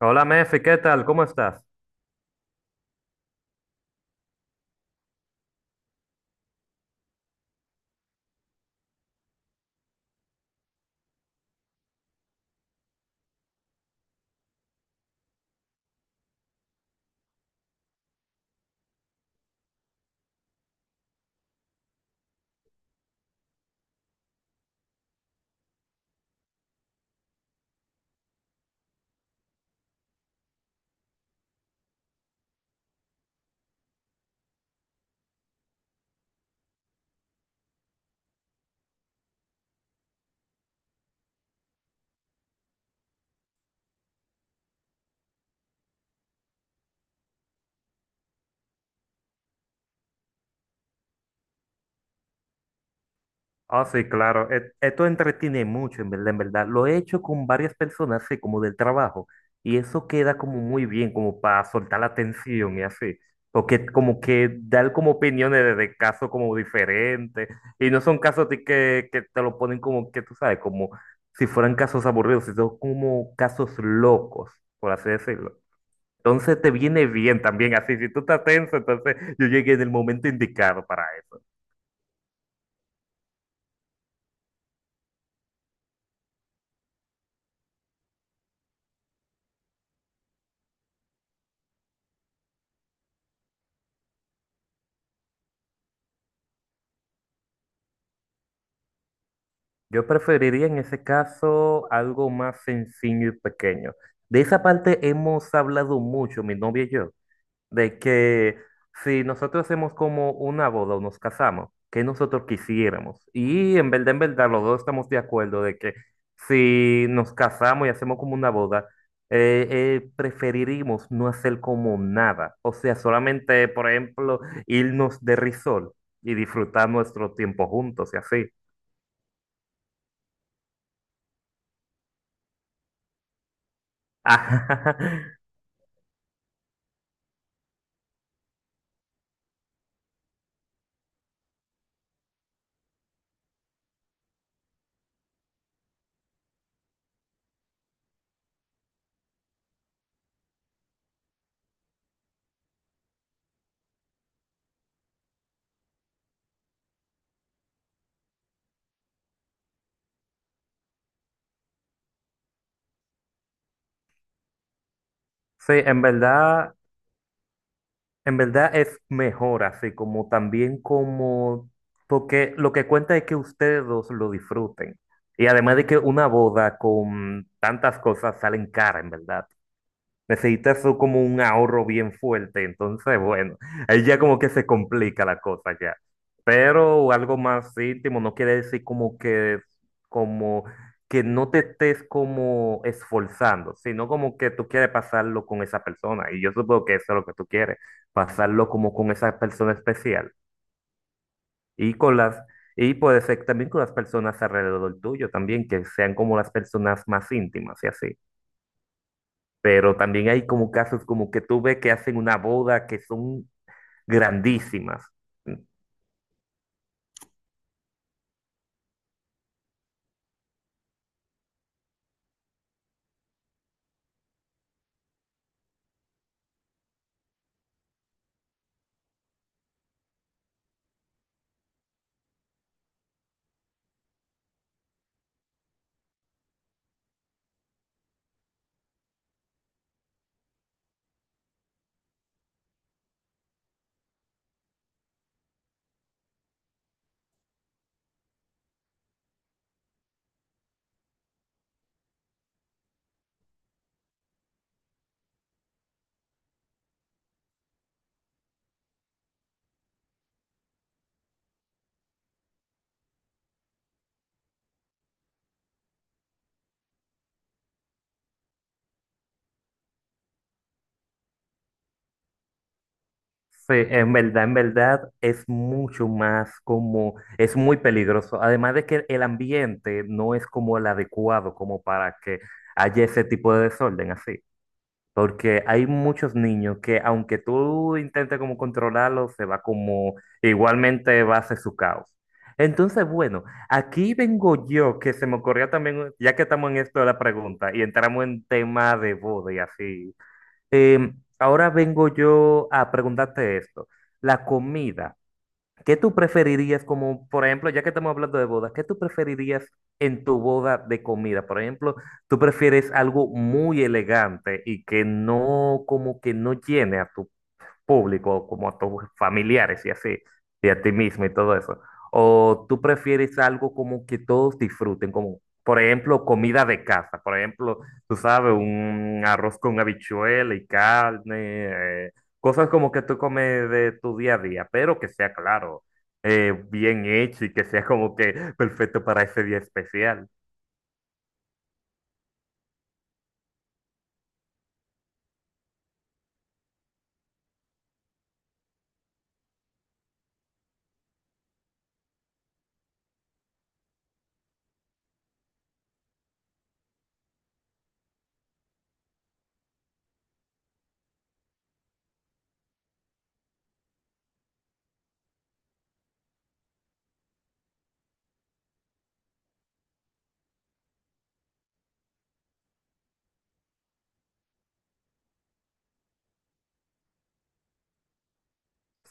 Hola, Mefi, ¿qué tal? ¿Cómo estás? Ah, sí, claro. Esto entretiene mucho, en verdad, en verdad. Lo he hecho con varias personas, así como del trabajo. Y eso queda como muy bien, como para soltar la tensión y así. Porque como que dar como opiniones de casos como diferentes. Y no son casos de que te lo ponen como que tú sabes, como si fueran casos aburridos, sino como casos locos, por así decirlo. Entonces te viene bien también así. Si tú estás tenso, entonces yo llegué en el momento indicado para eso. Yo preferiría en ese caso algo más sencillo y pequeño. De esa parte hemos hablado mucho, mi novia y yo, de que si nosotros hacemos como una boda o nos casamos, que nosotros quisiéramos. Y en verdad, los dos estamos de acuerdo de que si nos casamos y hacemos como una boda, preferiríamos no hacer como nada. O sea, solamente, por ejemplo, irnos de risol y disfrutar nuestro tiempo juntos y así. Sí, en verdad es mejor así, como también como, porque lo que cuenta es que ustedes dos lo disfruten. Y además de que una boda con tantas cosas salen cara, en verdad. Necesitas tú como un ahorro bien fuerte, entonces, bueno, ahí ya como que se complica la cosa ya. Pero algo más íntimo no quiere decir como que no te estés como esforzando, sino como que tú quieres pasarlo con esa persona. Y yo supongo que eso es lo que tú quieres, pasarlo como con esa persona especial. Y con y puede ser también con las personas alrededor tuyo también, que sean como las personas más íntimas y así. Pero también hay como casos como que tú ves que hacen una boda que son grandísimas. Sí, en verdad es mucho más como, es muy peligroso. Además de que el ambiente no es como el adecuado como para que haya ese tipo de desorden así. Porque hay muchos niños que aunque tú intentes como controlarlo, se va como igualmente va a hacer su caos. Entonces, bueno, aquí vengo yo, que se me ocurrió también, ya que estamos en esto de la pregunta y entramos en tema de boda y así. eh, Ahora vengo yo a preguntarte esto. La comida. ¿Qué tú preferirías como, por ejemplo, ya que estamos hablando de bodas, qué tú preferirías en tu boda de comida? Por ejemplo, ¿tú prefieres algo muy elegante y que no, como que no llene a tu público, como a tus familiares y así, y a ti mismo y todo eso? ¿O tú prefieres algo como que todos disfruten, como por ejemplo comida de casa? Por ejemplo, tú sabes, un arroz con habichuela y carne, cosas como que tú comes de tu día a día, pero que sea claro, bien hecho y que sea como que perfecto para ese día especial.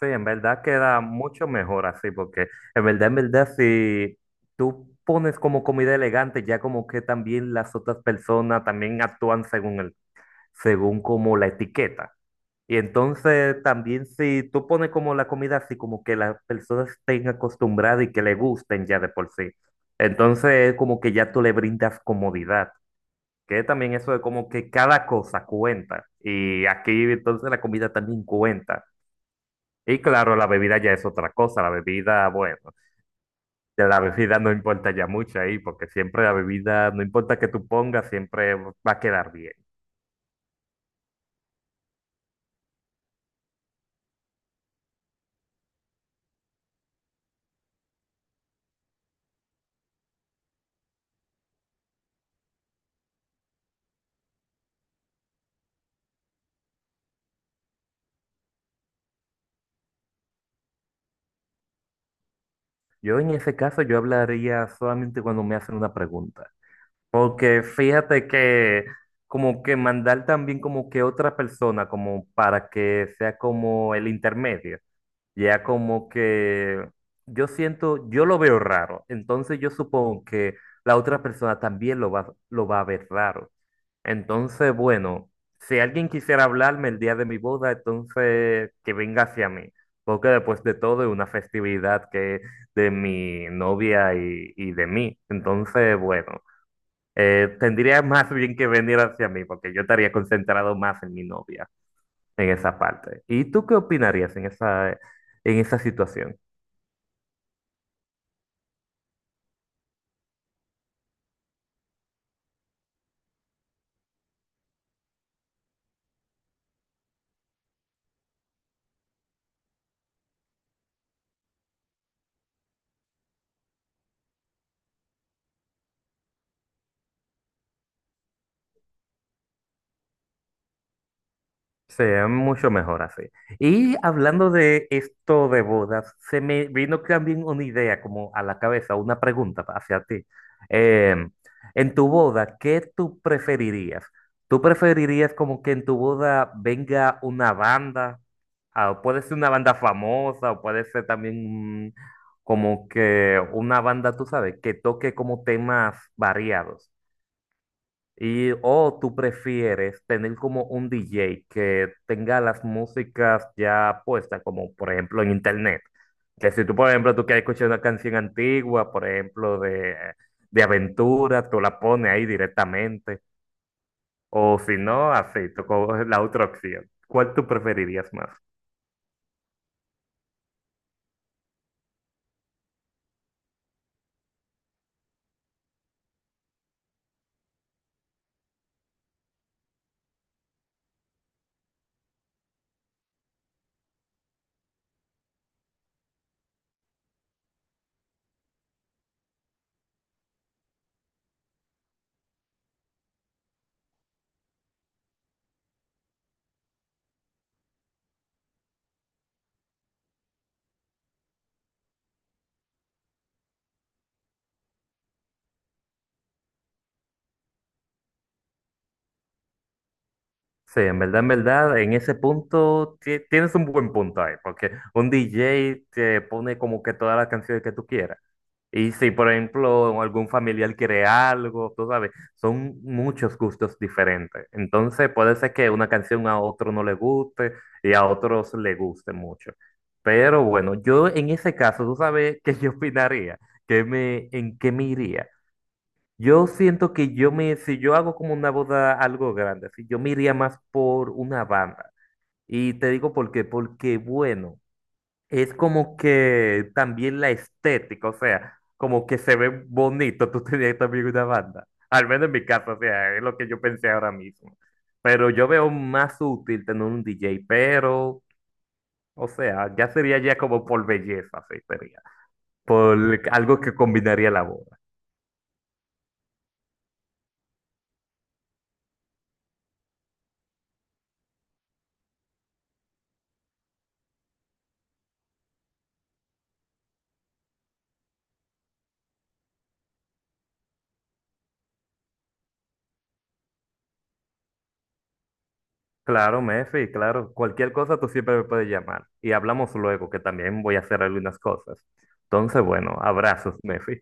Sí, en verdad queda mucho mejor así, porque en verdad, si tú pones como comida elegante, ya como que también las otras personas también actúan según según como la etiqueta. Y entonces también si tú pones como la comida así, como que las personas estén acostumbradas y que le gusten ya de por sí. Entonces como que ya tú le brindas comodidad, que también eso de como que cada cosa cuenta. Y aquí entonces la comida también cuenta. Y claro, la bebida ya es otra cosa, la bebida, bueno, ya la bebida no importa ya mucho ahí, porque siempre la bebida, no importa que tú pongas, siempre va a quedar bien. Yo en ese caso, yo hablaría solamente cuando me hacen una pregunta, porque fíjate que como que mandar también como que otra persona, como para que sea como el intermedio. Ya como que yo siento, yo lo veo raro, entonces yo supongo que la otra persona también lo va a ver raro. Entonces, bueno, si alguien quisiera hablarme el día de mi boda, entonces que venga hacia mí, porque después de todo es una festividad que de mi novia y de mí. Entonces, bueno, tendría más bien que venir hacia mí, porque yo estaría concentrado más en mi novia en esa parte. ¿Y tú qué opinarías en en esa situación? Sería mucho mejor así. Y hablando de esto de bodas, se me vino también una idea como a la cabeza, una pregunta hacia ti. Eh, en tu boda, ¿qué tú preferirías? ¿Tú preferirías como que en tu boda venga una banda? Ah, puede ser una banda famosa o puede ser también como que una banda, tú sabes, que toque como temas variados. O tú prefieres tener como un DJ que tenga las músicas ya puestas, como por ejemplo en internet. Que si tú, por ejemplo, tú quieres escuchar una canción antigua, por ejemplo, de aventura, tú la pones ahí directamente. O si no, así, tú coges la otra opción. ¿Cuál tú preferirías más? Sí, en verdad, en verdad, en ese punto tienes un buen punto ahí, porque un DJ te pone como que todas las canciones que tú quieras. Y si, por ejemplo, algún familiar quiere algo, tú sabes, son muchos gustos diferentes. Entonces puede ser que una canción a otro no le guste y a otros le guste mucho. Pero bueno, yo en ese caso, tú sabes qué yo opinaría, en qué me iría. Yo siento que si yo hago como una boda algo grande, si yo me iría más por una banda. Y te digo por qué, porque bueno, es como que también la estética, o sea, como que se ve bonito tú tenías también una banda. Al menos en mi caso, o sea, es lo que yo pensé ahora mismo. Pero yo veo más útil tener un DJ, pero, o sea, ya sería ya como por belleza, sí, sería. Por algo que combinaría la voz. Claro, Mefi, claro. Cualquier cosa tú siempre me puedes llamar. Y hablamos luego, que también voy a hacer algunas cosas. Entonces, bueno, abrazos, Mefi.